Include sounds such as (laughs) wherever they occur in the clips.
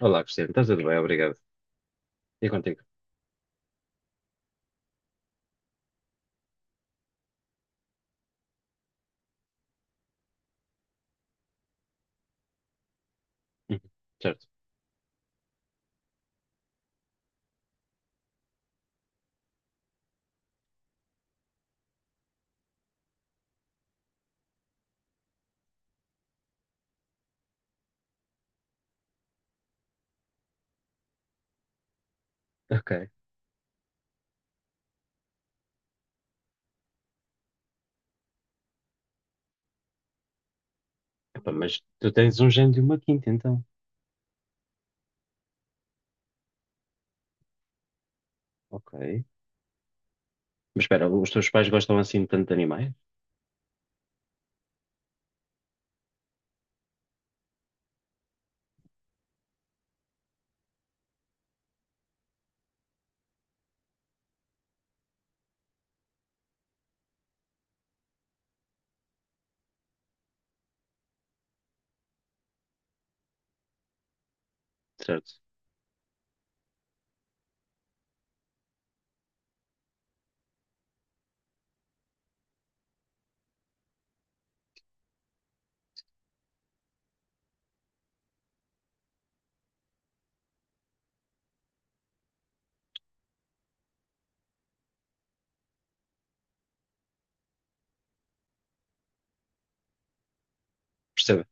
Olá, Cristiano, está tudo bem? Obrigado. E contigo? Uhum. Certo. Ok. Epá, mas tu tens um gênio e uma quinta, então. Ok. Mas espera, os teus pais gostam assim tanto de animais? Certo. Percebo,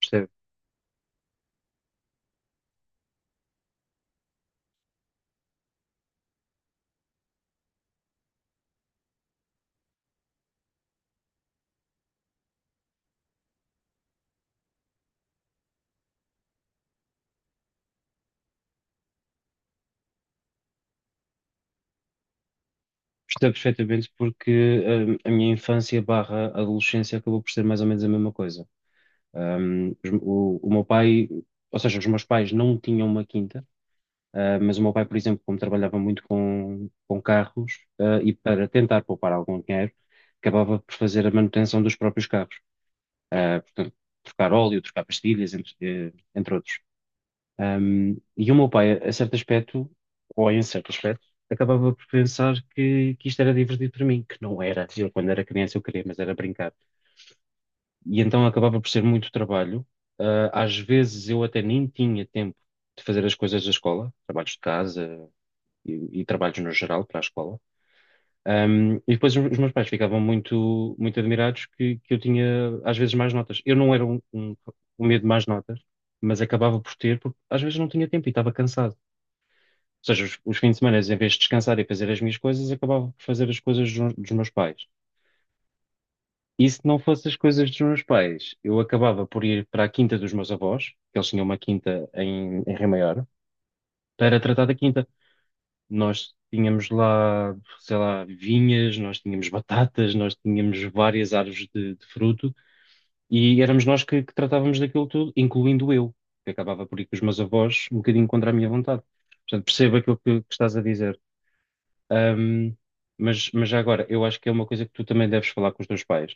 percebo. Percebo perfeitamente porque a minha infância barra adolescência acabou por ser mais ou menos a mesma coisa. O meu pai, ou seja, os meus pais não tinham uma quinta, mas o meu pai, por exemplo, como trabalhava muito com carros, e para tentar poupar algum dinheiro, acabava por fazer a manutenção dos próprios carros. Portanto, trocar óleo, trocar pastilhas, entre outros. E o meu pai, a certo aspecto, ou em certo aspecto, acabava por pensar que isto era divertido para mim, que não era. Eu, quando era criança, eu queria, mas era brincar. E então acabava por ser muito trabalho. Às vezes eu até nem tinha tempo de fazer as coisas da escola, trabalhos de casa e trabalhos no geral para a escola. E depois os meus pais ficavam muito, muito admirados que eu tinha, às vezes, mais notas. Eu não era um medo de mais notas, mas acabava por ter, porque às vezes não tinha tempo e estava cansado. Ou seja, os fins de semana, em vez de descansar e fazer as minhas coisas, acabava por fazer as coisas dos meus pais. E se não fosse as coisas dos meus pais, eu acabava por ir para a quinta dos meus avós, que eles tinham uma quinta em Rio Maior, para tratar da quinta. Nós tínhamos lá, sei lá, vinhas, nós tínhamos batatas, nós tínhamos várias árvores de fruto e éramos nós que tratávamos daquilo tudo, incluindo eu, que acabava por ir com os meus avós um bocadinho contra a minha vontade. Portanto, percebo aquilo que estás a dizer. Ahm, mas já agora, eu acho que é uma coisa que tu também deves falar com os teus pais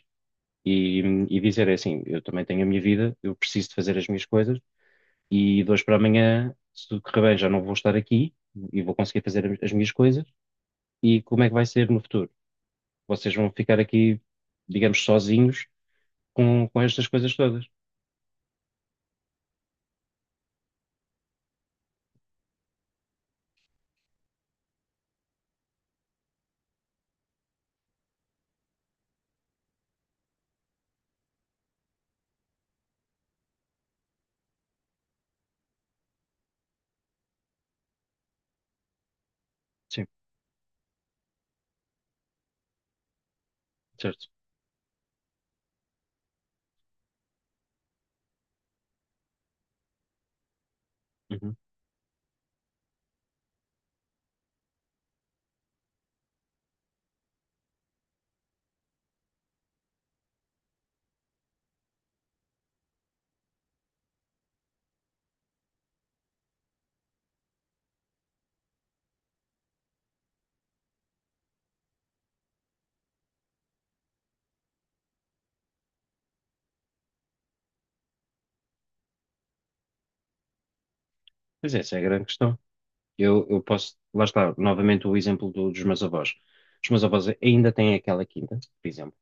e, e dizer é assim: eu também tenho a minha vida, eu preciso de fazer as minhas coisas e de hoje para amanhã, se tudo correr bem, já não vou estar aqui e vou conseguir fazer as minhas coisas e como é que vai ser no futuro? Vocês vão ficar aqui, digamos, sozinhos com estas coisas todas. Sim, certo. Uhum. Pois é, essa é a grande questão. Eu posso, lá está, novamente o exemplo dos meus avós. Os meus avós ainda têm aquela quinta, por exemplo,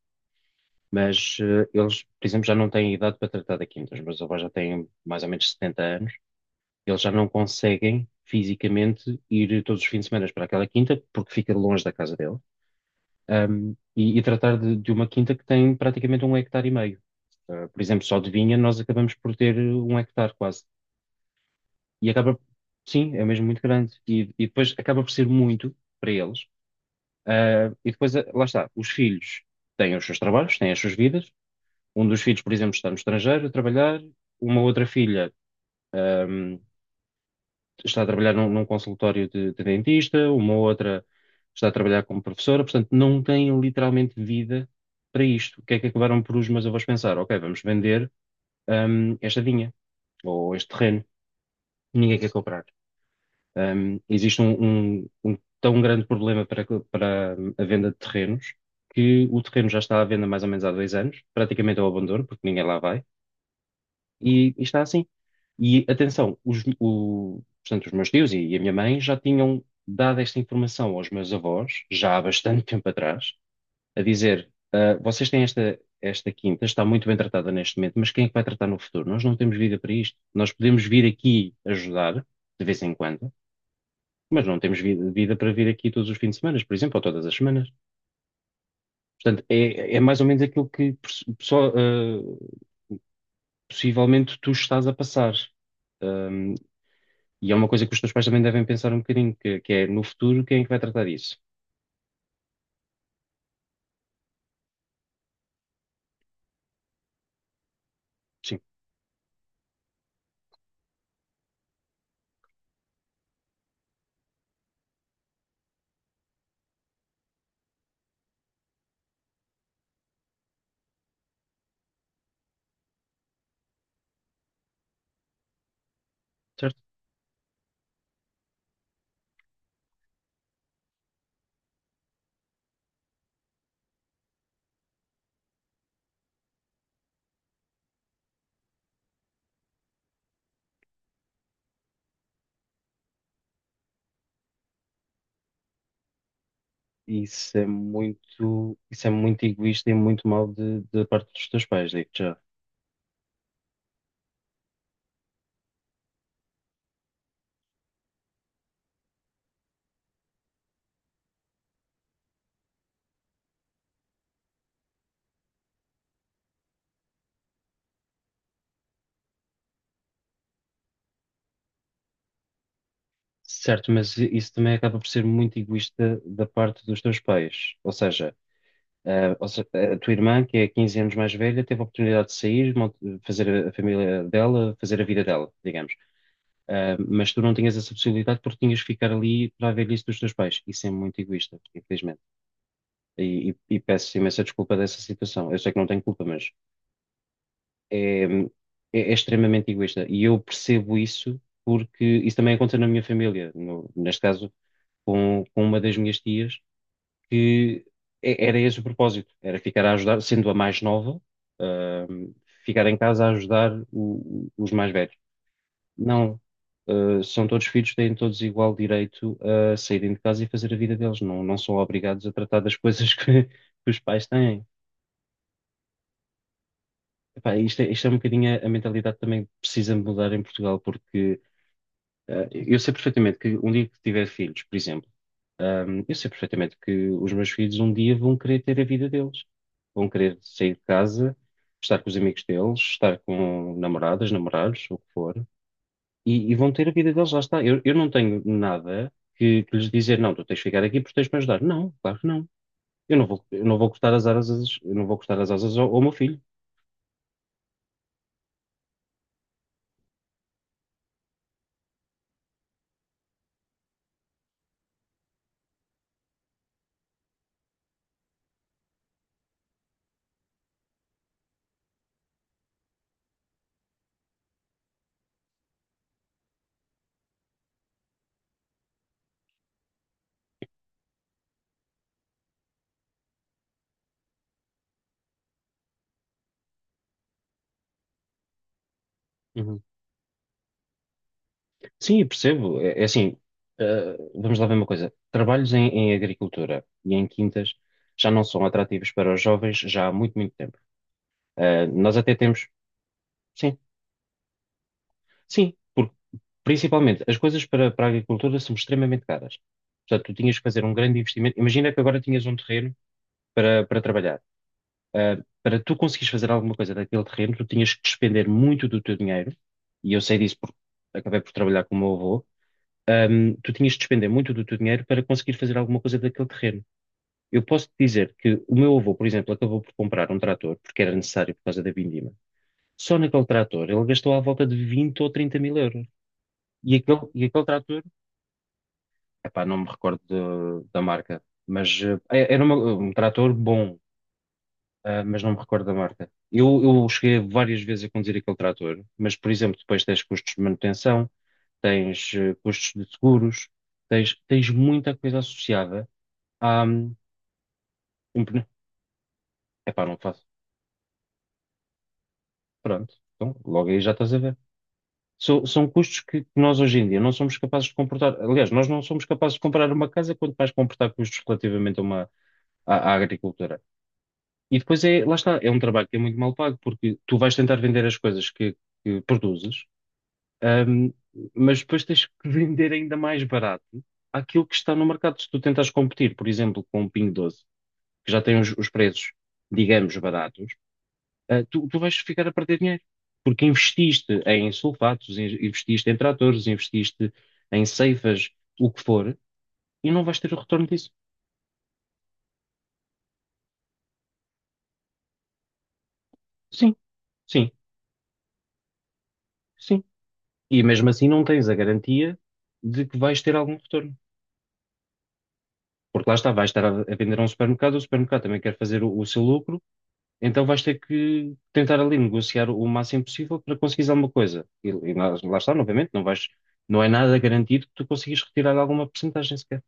mas eles, por exemplo, já não têm idade para tratar da quinta. Os meus avós já têm mais ou menos 70 anos, eles já não conseguem fisicamente ir todos os fins de semana para aquela quinta porque fica longe da casa deles, e tratar de uma quinta que tem praticamente um hectare e meio. Por exemplo, só de vinha nós acabamos por ter um hectare quase. E acaba, sim, é mesmo muito grande. E depois acaba por ser muito para eles. E depois, lá está, os filhos têm os seus trabalhos, têm as suas vidas. Um dos filhos, por exemplo, está no estrangeiro a trabalhar. Uma outra filha, um, está a trabalhar num consultório de dentista, uma outra está a trabalhar como professora, portanto, não têm literalmente vida para isto. O que é que acabaram por os meus avós pensar? Ok, vamos vender, esta vinha ou este terreno, ninguém quer comprar. Existe um, um tão grande problema para a venda de terrenos que o terreno já está à venda mais ou menos há 2 anos, praticamente ao abandono, porque ninguém lá vai e está assim. E atenção, portanto, os meus tios e a minha mãe já tinham dado esta informação aos meus avós, já há bastante (laughs) tempo atrás, a dizer: "Ah, vocês têm esta quinta, está muito bem tratada neste momento, mas quem é que vai tratar no futuro? Nós não temos vida para isto. Nós podemos vir aqui ajudar, de vez em quando, mas não temos vida, vida para vir aqui todos os fins de semana, por exemplo, ou todas as semanas." Portanto, é mais ou menos aquilo que possivelmente tu estás a passar. Hum, E é uma coisa que os teus pais também devem pensar um bocadinho, que é no futuro quem é que vai tratar isso? Sim, certo? Isso é muito egoísta e muito mau da parte dos teus pais, digo-te já. Certo, mas isso também acaba por ser muito egoísta da parte dos teus pais. Ou seja, a, ou se- a tua irmã, que é 15 anos mais velha, teve a oportunidade de sair, fazer a família dela, fazer a vida dela, digamos. Ah, mas tu não tinhas essa possibilidade porque tinhas que ficar ali para a velhice dos teus pais. Isso é muito egoísta, infelizmente. E peço imensa desculpa dessa situação. Eu sei que não tenho culpa, mas é, é- é extremamente egoísta. E eu percebo isso porque isso também aconteceu na minha família, neste caso com uma das minhas tias, que era esse o propósito, era ficar a ajudar, sendo a mais nova, ahm, ficar em casa a ajudar os mais velhos. Não. São todos filhos, têm todos igual direito a saírem de casa e fazer a vida deles. Não, não são obrigados a tratar das (laughs) coisas que os pais têm. Epá, isto é um bocadinho a mentalidade também que precisa mudar em Portugal, porque eu sei perfeitamente que um dia que tiver filhos, por exemplo, eu sei perfeitamente que os meus filhos um dia vão querer ter a vida deles, vão querer sair de casa, estar com os amigos deles, estar com namoradas, namorados, o que for, e vão ter a vida deles, lá está. Eu não tenho nada que lhes dizer, não, tu tens de ficar aqui porque tens de me ajudar. Não, claro que não. Eu não vou cortar as asas, eu não vou cortar as asas ao meu filho. Sim, eu percebo. É assim, vamos lá ver uma coisa. Trabalhos em agricultura e em quintas já não são atrativos para os jovens já há muito, muito tempo. Nós até temos, sim, sim, porque principalmente as coisas para a agricultura são extremamente caras. Portanto, tu tinhas que fazer um grande investimento. Imagina que agora tinhas um terreno para trabalhar. Eh, Para tu conseguires fazer alguma coisa daquele terreno, tu tinhas que despender muito do teu dinheiro, e eu sei disso porque acabei por trabalhar com o meu avô, tu tinhas de despender muito do teu dinheiro para conseguir fazer alguma coisa daquele terreno. Eu posso te dizer que o meu avô, por exemplo, acabou por comprar um trator porque era necessário por causa da vindima. Só naquele trator ele gastou à volta de 20 ou 30 mil euros. E aquele trator, epá, não me recordo da marca, mas um trator bom, mas não me recordo da marca. Eu cheguei várias vezes a conduzir aquele trator, mas, por exemplo, depois tens custos de manutenção, tens custos de seguros, tens muita coisa associada há um pneu. Epá, não faço. Pronto, então logo aí já estás a ver. São custos que nós hoje em dia não somos capazes de comportar. Aliás, nós não somos capazes de comprar uma casa, quanto mais comportar custos relativamente à agricultura. E depois é, lá está, é um trabalho que é muito mal pago, porque tu vais tentar vender as coisas que produzes, hum, mas depois tens que (laughs) vender ainda mais barato aquilo que está no mercado. Se tu tentas competir, por exemplo, com o Pingo Doce, que já tem os preços, digamos, baratos, tu vais ficar a perder dinheiro. Porque investiste em sulfatos, investiste em tratores, investiste em ceifas, o que for, e não vais ter o retorno disso. Sim, sim, sim. E mesmo assim não tens a garantia de que vais ter algum retorno. Porque lá está, vais estar a vender a um supermercado, o supermercado também quer fazer o seu lucro, então vais ter que tentar ali negociar o máximo possível para conseguir alguma coisa. E lá está, novamente, não é nada garantido que tu consigas retirar alguma porcentagem sequer.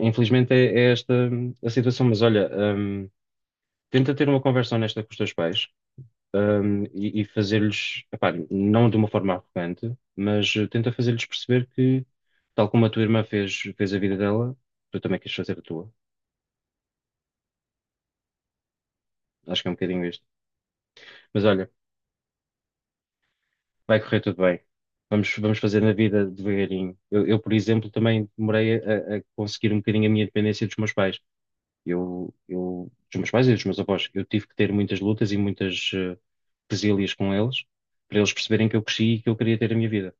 Infelizmente é esta a situação, mas olha, tenta ter uma conversa honesta com os teus pais, e fazer-lhes, epá, não de uma forma arrogante, mas tenta fazer-lhes perceber que, tal como a tua irmã fez, fez a vida dela, tu também queres fazer a tua. Acho que é um bocadinho isto. Mas olha, vai correr tudo bem. Vamos fazer na vida devagarinho. Eu, por exemplo, também demorei a conseguir um bocadinho a minha independência dos meus pais. Dos meus pais e dos meus avós, eu tive que ter muitas lutas e muitas resílias com eles, para eles perceberem que eu cresci e que eu queria ter a minha vida.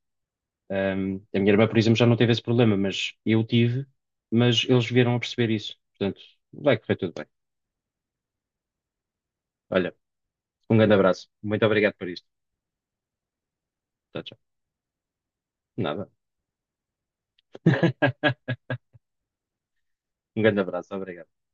A minha irmã, por exemplo, já não teve esse problema, mas eu tive, mas eles vieram a perceber isso. Portanto, vai correr tudo bem. Olha, um grande abraço. Muito obrigado por isto. Tchau, tchau. Nada. (laughs) Um grande abraço. Obrigado.